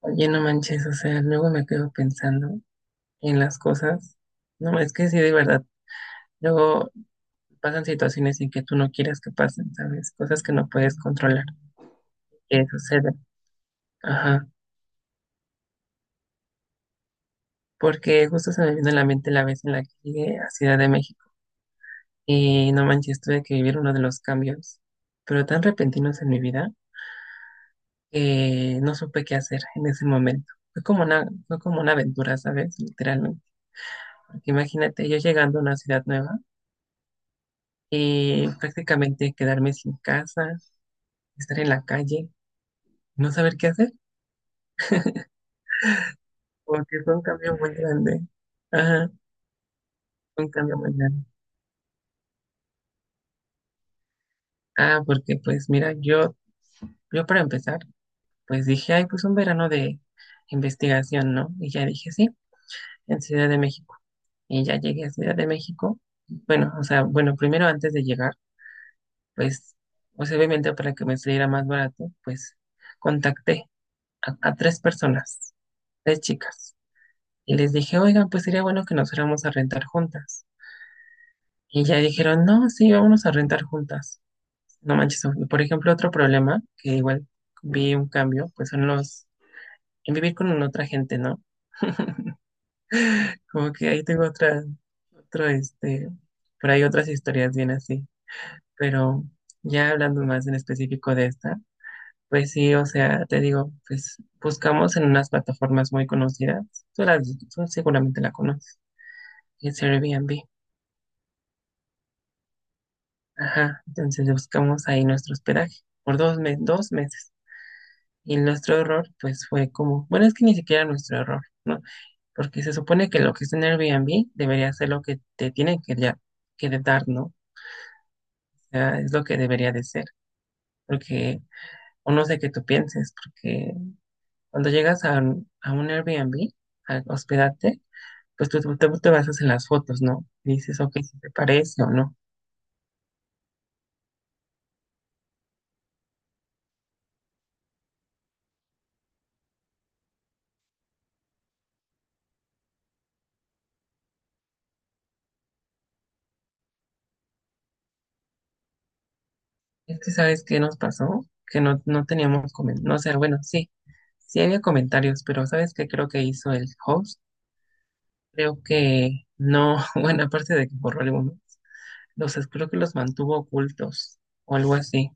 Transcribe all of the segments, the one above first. Oye, no manches, o sea, luego me quedo pensando en las cosas. No, es que sí, de verdad, luego pasan situaciones en que tú no quieras que pasen, ¿sabes? Cosas que no puedes controlar, que suceden. Ajá, porque justo se me vino a la mente la vez en la que llegué a Ciudad de México y no manches, tuve que vivir uno de los cambios, pero tan repentinos en mi vida que no supe qué hacer en ese momento. Fue como una aventura, ¿sabes? Literalmente. Porque imagínate, yo llegando a una ciudad nueva, prácticamente quedarme sin casa, estar en la calle, no saber qué hacer, porque fue un cambio muy grande. Ajá, fue un cambio muy grande. Ah, porque pues mira, yo para empezar, pues dije, ay, pues un verano de investigación, ¿no? Y ya dije, sí, en Ciudad de México. Y ya llegué a Ciudad de México. Bueno, o sea, bueno, primero antes de llegar, pues, pues obviamente para que me saliera más barato, pues contacté a tres personas, tres chicas. Y les dije, oigan, pues sería bueno que nos fuéramos a rentar juntas. Y ya dijeron, no, sí, vámonos a rentar juntas. No manches, por ejemplo, otro problema que igual vi un cambio, pues son los, en vivir con otra gente, ¿no? Como que ahí tengo otra, otro, este, por ahí otras historias bien así. Pero ya hablando más en específico de esta, pues sí, o sea, te digo, pues buscamos en unas plataformas muy conocidas. Tú, las, tú seguramente la conoces, es Airbnb. Ajá, entonces buscamos ahí nuestro hospedaje por dos meses. Y nuestro error, pues fue como, bueno, es que ni siquiera nuestro error, ¿no? Porque se supone que lo que está en Airbnb debería ser lo que te tienen que, ya, que de dar, ¿no? O sea, es lo que debería de ser. Porque, o no sé qué tú pienses, porque cuando llegas a un Airbnb, a hospedarte, pues tú te basas en las fotos, ¿no? Y dices, ok, si te parece o no. Es que sabes qué nos pasó, que no teníamos comentarios, no, o sea, bueno, sí, sí había comentarios, pero sabes qué creo que hizo el host, creo que no, bueno, aparte de que borró algunos, creo que los mantuvo ocultos o algo así,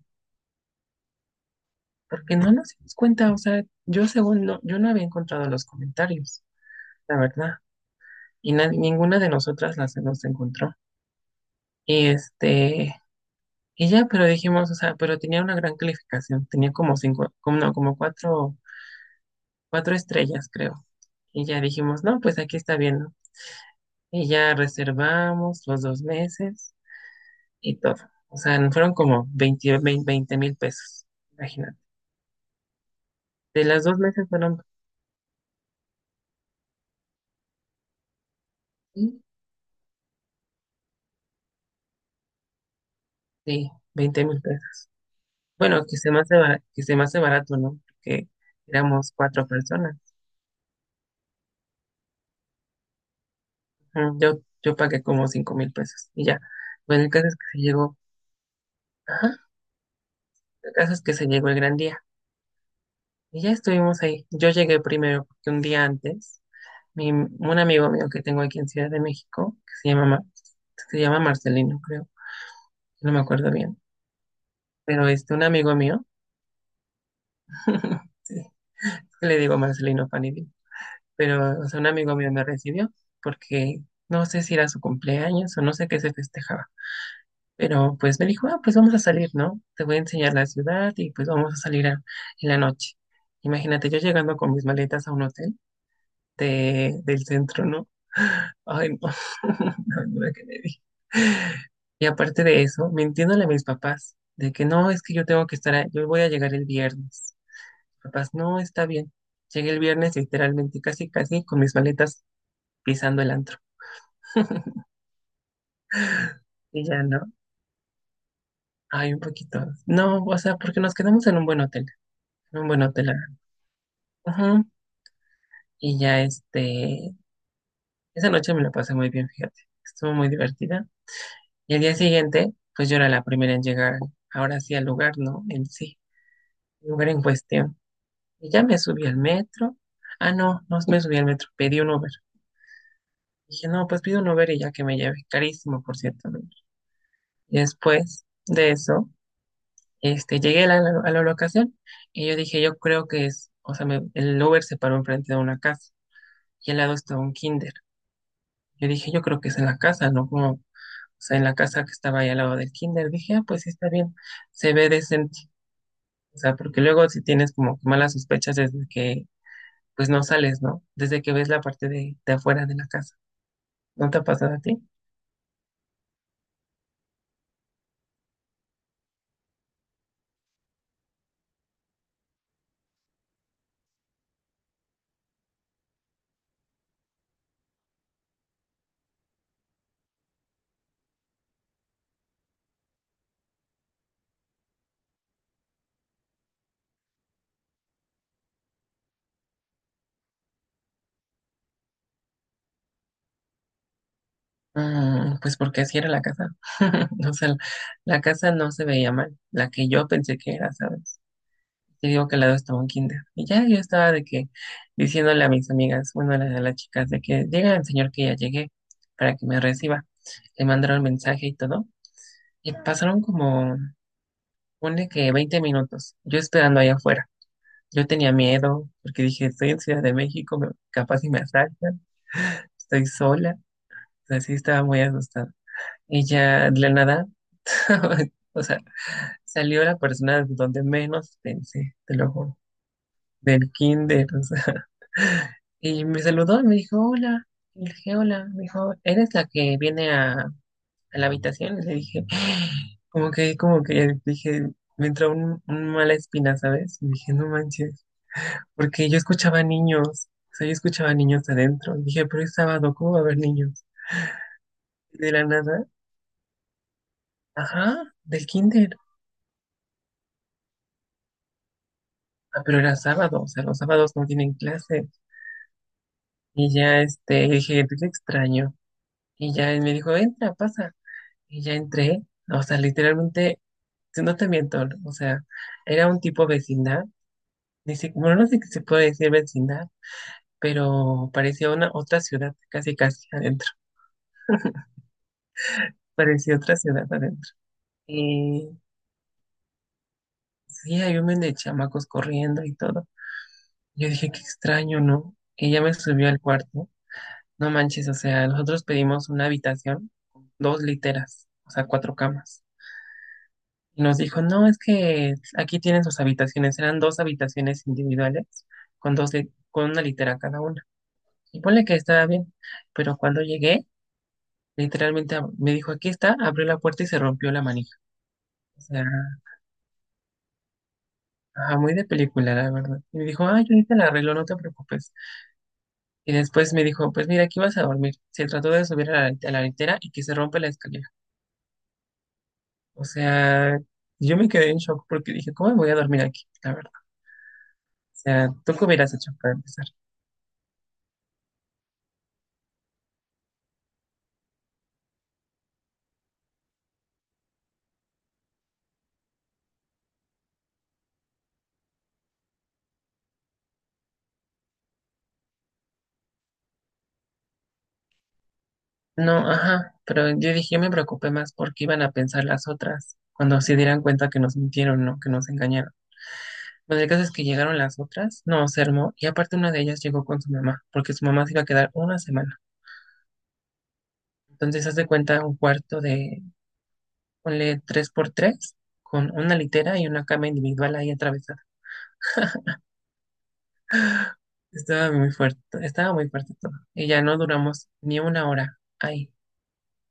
porque no nos dimos cuenta, o sea, yo según no, yo no había encontrado los comentarios, la verdad, y ninguna de nosotras las los encontró, y este, y ya, pero dijimos, o sea, pero tenía una gran calificación, tenía como cinco, como, no, como cuatro, cuatro estrellas, creo. Y ya dijimos, no, pues aquí está bien, ¿no? Y ya reservamos los dos meses y todo. O sea, nos fueron como 20.000 pesos, imagínate. De las dos meses fueron, sí, sí, 20 mil pesos. Bueno, que se me hace barato, que se me hace barato, ¿no? Porque éramos cuatro personas. Ujú. Yo pagué como 5.000 pesos y ya. Bueno, el caso es que se llegó, ajá, el caso es que se llegó el gran día. Y ya estuvimos ahí. Yo llegué primero porque un día antes un amigo mío que tengo aquí en Ciudad de México, que se llama Marcelino, creo, no me acuerdo bien, pero este, un amigo mío, sí, le digo Marcelino Panini, pero o sea, un amigo mío me recibió porque no sé si era su cumpleaños o no sé qué se festejaba, pero pues me dijo, ah, pues vamos a salir, ¿no? Te voy a enseñar la ciudad y pues vamos a salir en la noche. Imagínate yo llegando con mis maletas a un hotel del centro, ¿no? Ay, no, la verdura que me di. Y aparte de eso, mintiéndole a mis papás, de que no, es que yo tengo que estar, yo voy a llegar el viernes. Papás, no, está bien. Llegué el viernes literalmente casi, casi con mis maletas pisando el antro. Y ya no, ay, un poquito. No, o sea, porque nos quedamos en un buen hotel, en un buen hotel. Ajá. Y ya este, esa noche me la pasé muy bien, fíjate. Estuvo muy divertida. Y el día siguiente, pues yo era la primera en llegar, ahora sí al lugar, ¿no? En sí, lugar en cuestión. Y ya me subí al metro. Ah, no, no me subí al metro, pedí un Uber. Dije, no, pues pido un Uber y ya que me lleve. Carísimo, por cierto, el Uber. Y después de eso, este, llegué a la, locación y yo dije, yo creo que es, o sea, el Uber se paró enfrente de una casa y al lado estaba un kinder. Yo dije, yo creo que es en la casa, ¿no? Como, o sea, en la casa que estaba ahí al lado del kinder. Dije, ah, pues sí está bien, se ve decente. O sea, porque luego si tienes como malas sospechas desde que pues no sales, ¿no? Desde que ves la parte de afuera de la casa. ¿No te ha pasado a ti? Pues porque así era la casa. O sea, la casa no se veía mal, la que yo pensé que era, ¿sabes? Te digo que al lado estaba un kinder. Y ya yo estaba de que diciéndole a mis amigas, bueno, a las chicas, de que llega el señor que ya llegué para que me reciba. Le mandaron mensaje y todo. Y pasaron como, pone que 20 minutos, yo esperando ahí afuera. Yo tenía miedo porque dije, estoy en Ciudad de México, capaz si me asaltan. Estoy sola. Así estaba muy asustada. Y ya de la nada, o sea, salió la persona donde menos pensé, te lo juro, del kinder, o sea. Y me saludó y me dijo, hola. Y le dije, hola. Me dijo, ¿eres la que viene a la habitación? Y le dije, como que, dije, me entró un mala espina, ¿sabes? Y dije, no manches, porque yo escuchaba niños, o sea, yo escuchaba niños adentro. Y dije, pero es sábado, ¿cómo va a haber niños? Y de la nada. Ajá, del kinder. Ah, pero era sábado, o sea, los sábados no tienen clase. Y ya, este, le dije, te extraño. Y ya él me dijo, entra, pasa. Y ya entré. O sea, literalmente, si no te miento, o sea, era un tipo vecindad. Ni si- bueno, no sé si se puede decir vecindad, pero parecía una otra ciudad, casi casi adentro. Parecía otra ciudad adentro. Y sí, hay un men de chamacos corriendo y todo. Yo dije, qué extraño, ¿no? Y ya me subió al cuarto. No manches, o sea, nosotros pedimos una habitación con dos literas, o sea, cuatro camas. Y nos dijo, no, es que aquí tienen sus habitaciones. Eran dos habitaciones individuales con con una litera cada una. Y ponle que estaba bien, pero cuando llegué, literalmente me dijo, aquí está, abrió la puerta y se rompió la manija. O sea, ajá, muy de película, la verdad. Y me dijo, ay, yo ahorita la arreglo, no te preocupes. Y después me dijo, pues mira, aquí vas a dormir. Se trató de subir a la, litera y que se rompe la escalera. O sea, yo me quedé en shock porque dije, ¿cómo me voy a dormir aquí? La verdad. O sea, ¿tú qué hubieras hecho para empezar? No, ajá, pero yo dije, yo me preocupé más porque iban a pensar las otras cuando se dieran cuenta que nos mintieron, ¿no? Que nos engañaron. Bueno, el caso es que llegaron las otras, no, se armó, y aparte una de ellas llegó con su mamá, porque su mamá se iba a quedar una semana. Entonces, haz de cuenta un cuarto de, ponle tres por tres con una litera y una cama individual ahí atravesada. Estaba muy fuerte todo. Y ya no duramos ni una hora ahí,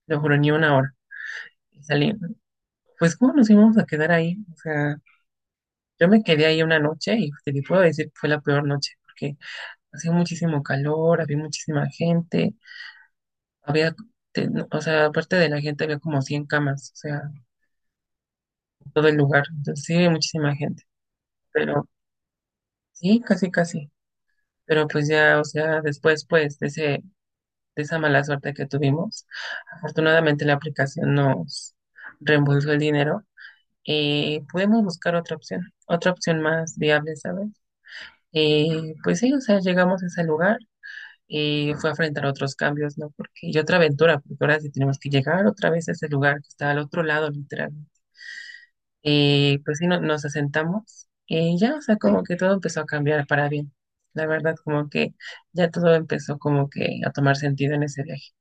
lo juro, ni una hora. Y saliendo. Pues, ¿cómo nos íbamos a quedar ahí? O sea, yo me quedé ahí una noche y te le puedo decir que fue la peor noche, porque hacía muchísimo calor, había muchísima gente, había, no, o sea, aparte de la gente había como 100 camas, o sea, en todo el lugar. Entonces, sí, había muchísima gente, pero sí, casi, casi. Pero pues ya, o sea, después, pues, de esa mala suerte que tuvimos. Afortunadamente la aplicación nos reembolsó el dinero y pudimos buscar otra opción más viable, ¿sabes? Y pues sí, o sea, llegamos a ese lugar y fue a enfrentar otros cambios, ¿no? Porque, y otra aventura, porque ahora sí tenemos que llegar otra vez a ese lugar que está al otro lado, literalmente. Y pues sí, nos asentamos y ya, o sea, como que todo empezó a cambiar para bien. La verdad, como que ya todo empezó como que a tomar sentido en ese viaje.